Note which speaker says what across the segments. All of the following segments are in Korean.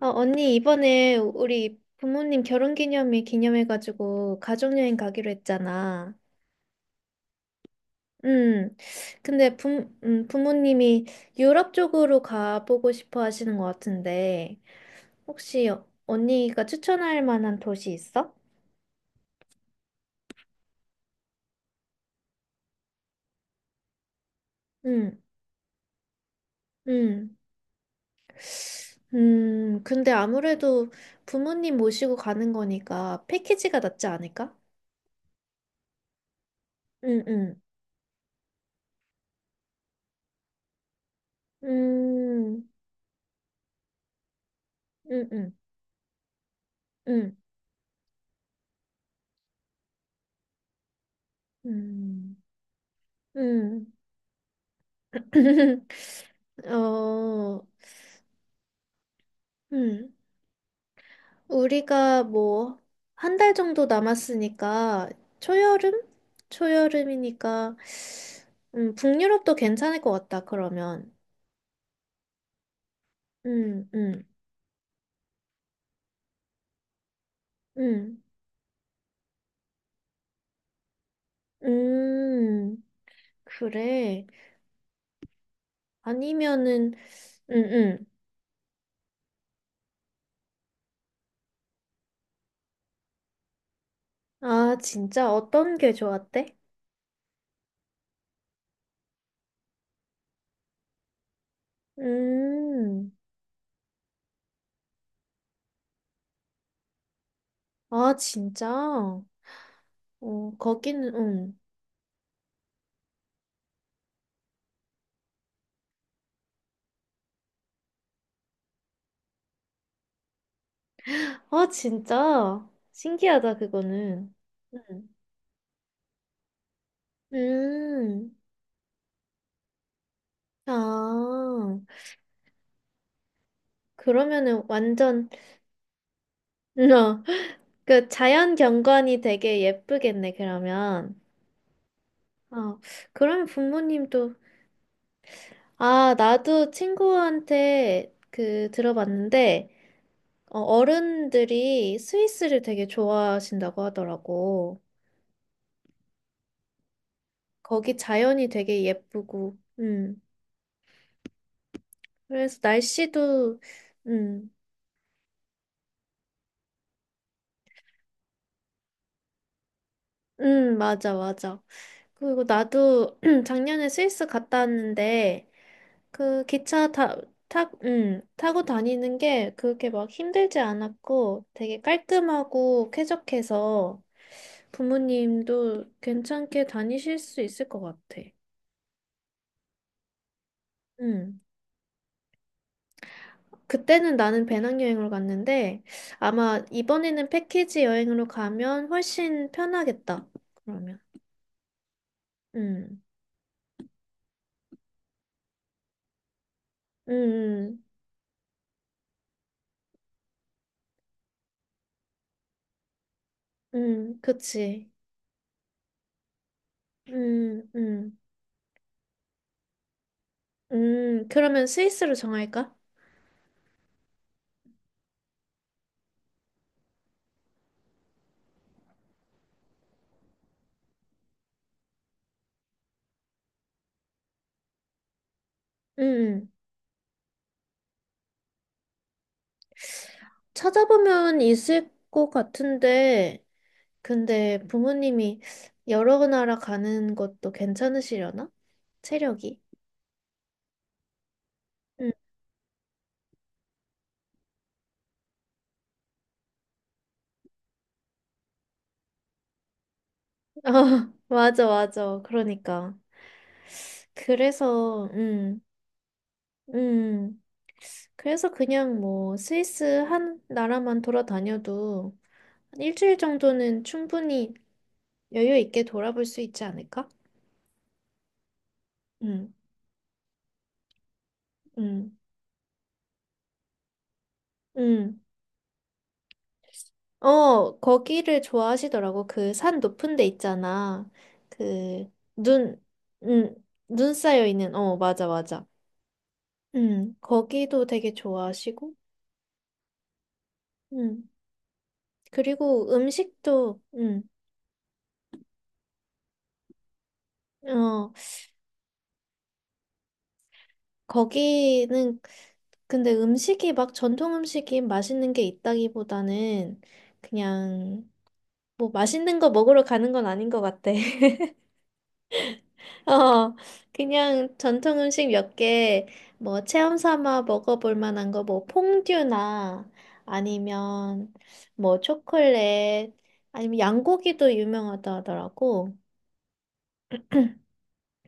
Speaker 1: 언니, 이번에 우리 부모님 결혼 기념일 기념해가지고 가족여행 가기로 했잖아. 음, 근데 부모님이 유럽 쪽으로 가보고 싶어 하시는 것 같은데, 혹시 언니가 추천할 만한 도시 있어? 음, 음, 근데 아무래도 부모님 모시고 가는 거니까 패키지가 낫지 않을까? 음, 음, 음, 음, 음, 음, 음, 음. 어, 음. 우리가 뭐, 한 달 정도 남았으니까, 초여름? 초여름이니까, 북유럽도 괜찮을 것 같다, 그러면. 음, 음, 음, 음, 그래. 아니면은, 음, 음. 아, 진짜? 어떤 게 좋았대? 음, 아, 진짜? 어, 거기는, 아, 진짜? 신기하다, 그거는. 음. 음. 아, 그러면은 완전, 어, 그 자연 경관이 되게 예쁘겠네, 그러면. 어, 그러면 부모님도, 아, 나도 친구한테 그 들어봤는데, 어른들이 스위스를 되게 좋아하신다고 하더라고. 거기 자연이 되게 예쁘고, 그래서 날씨도, 음. 맞아, 맞아. 그리고 나도 작년에 스위스 갔다 왔는데, 그 기차 타고 다니는 게 그렇게 막 힘들지 않았고 되게 깔끔하고 쾌적해서 부모님도 괜찮게 다니실 수 있을 것 같아. 음. 그때는 나는 배낭여행으로 갔는데 아마 이번에는 패키지 여행으로 가면 훨씬 편하겠다. 그러면. 음. 음. 음. 음. 그치. 음, 음, 그러면 스위스로 정할까? 음, 음. 찾아보면 있을 것 같은데, 근데 부모님이 여러 나라 가는 것도 괜찮으시려나? 체력이? 음, 어, 맞아, 맞아. 그러니까. 그래서, 음, 음, 그래서 그냥 뭐 스위스 한 나라만 돌아다녀도 한 일주일 정도는 충분히 여유 있게 돌아볼 수 있지 않을까? 음, 음, 음. 거기를 좋아하시더라고. 그 산 높은 데 있잖아. 그, 눈, 음, 눈 쌓여 있는, 어, 맞아, 맞아. 거기도 되게 좋아하시고, 음, 그리고 음식도, 어, 거기는, 근데 음식이 막 전통 음식이 맛있는 게 있다기보다는 그냥, 뭐 맛있는 거 먹으러 가는 건 아닌 것 같아. 어, 그냥 전통 음식 몇 개, 뭐, 체험 삼아 먹어볼 만한 거, 뭐, 퐁듀나, 아니면, 뭐, 초콜릿, 아니면 양고기도 유명하다 하더라고.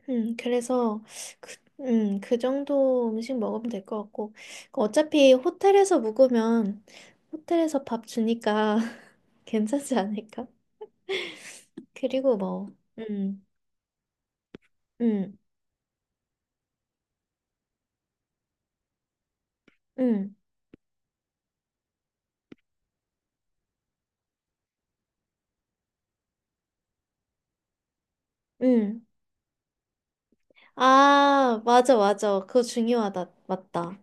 Speaker 1: 그래서, 그 정도 음식 먹으면 될 것 같고. 어차피 호텔에서 묵으면, 호텔에서 밥 주니까 괜찮지 않을까? 그리고 뭐, 음, 음, 음, 음. 아, 맞아, 맞아. 그거 중요하다. 맞다.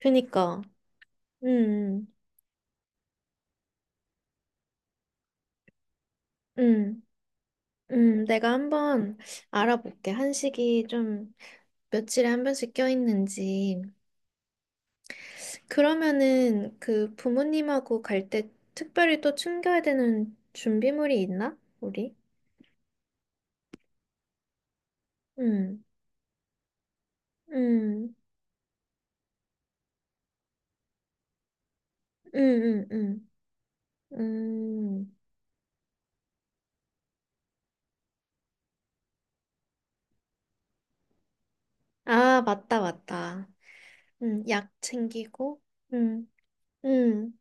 Speaker 1: 그니까. 음, 음, 음. 내가 한번 알아볼게. 한식이 좀 며칠에 한 번씩 껴있는지. 그러면은 그 부모님하고 갈 때 특별히 또 챙겨야 되는 준비물이 있나? 우리? 음, 음, 음, 음, 음. 음. 아, 맞다, 맞다. 약 챙기고. 음, 음,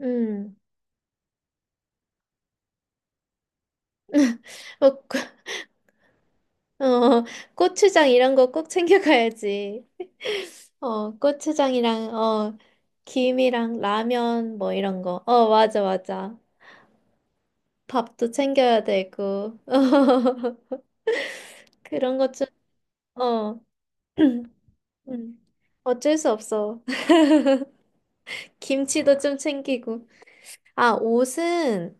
Speaker 1: 음. 어, 어, 고추장 이런 거 꼭 챙겨가야지. 어, 고추장이랑, 어, 김이랑 라면 뭐 이런 거. 어, 맞아, 맞아. 밥도 챙겨야 되고. 그런 것 좀, 어, 음, 어쩔 수 없어. 김치도 좀 챙기고. 아, 옷은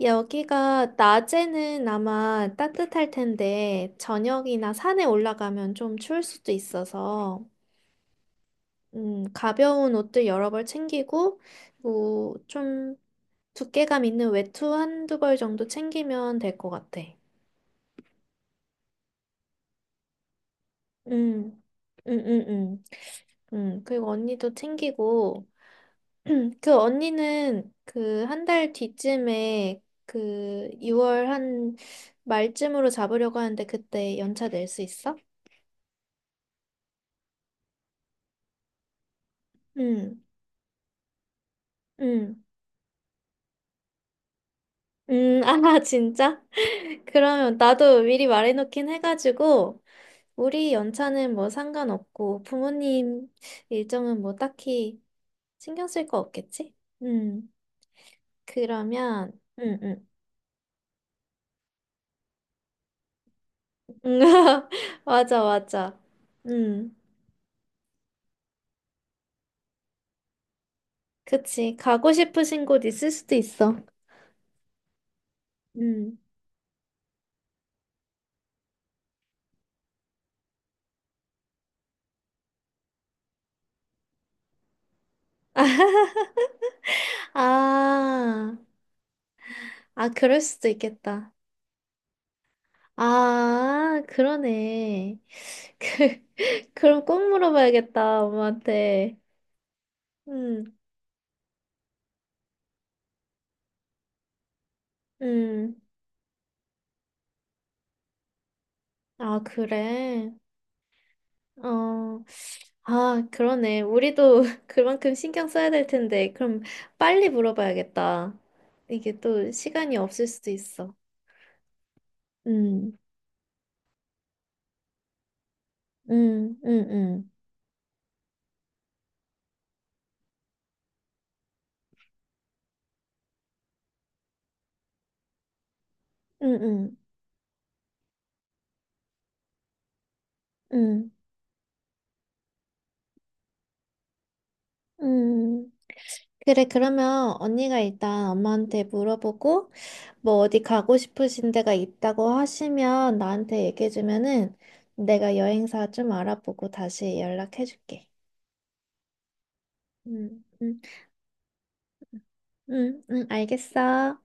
Speaker 1: 여기가 낮에는 아마 따뜻할 텐데, 저녁이나 산에 올라가면 좀 추울 수도 있어서. 가벼운 옷들 여러 벌 챙기고, 뭐, 좀 두께감 있는 외투 한두 벌 정도 챙기면 될 것 같아. 음, 음, 음, 음. 그리고 언니도 챙기고, 그 언니는 그 한달 뒤쯤에 그 2월 한 말쯤으로 잡으려고 하는데 그때 연차 낼 수 있어? 음, 음, 아, 진짜? 그러면 나도 미리 말해놓긴 해가지고, 우리 연차는 뭐 상관없고, 부모님 일정은 뭐 딱히 신경 쓸 거 없겠지? 음, 그러면, 음. 음, 맞아, 맞아. 음, 그치. 가고 싶으신 곳 있을 수도 있어. 음. 아, 아, 그럴 수도 있겠다. 아, 그러네. 그럼 꼭 물어봐야겠다, 엄마한테. 음, 음. 아, 그래. 어, 아, 그러네. 우리도 그만큼 신경 써야 될 텐데. 그럼 빨리 물어봐야겠다. 이게 또 시간이 없을 수도 있어. 음, 음, 음, 음, 음, 음, 음, 음. 그래, 그러면 언니가 일단 엄마한테 물어보고, 뭐 어디 가고 싶으신 데가 있다고 하시면 나한테 얘기해주면은 내가 여행사 좀 알아보고 다시 연락해줄게. 음, 음, 알겠어.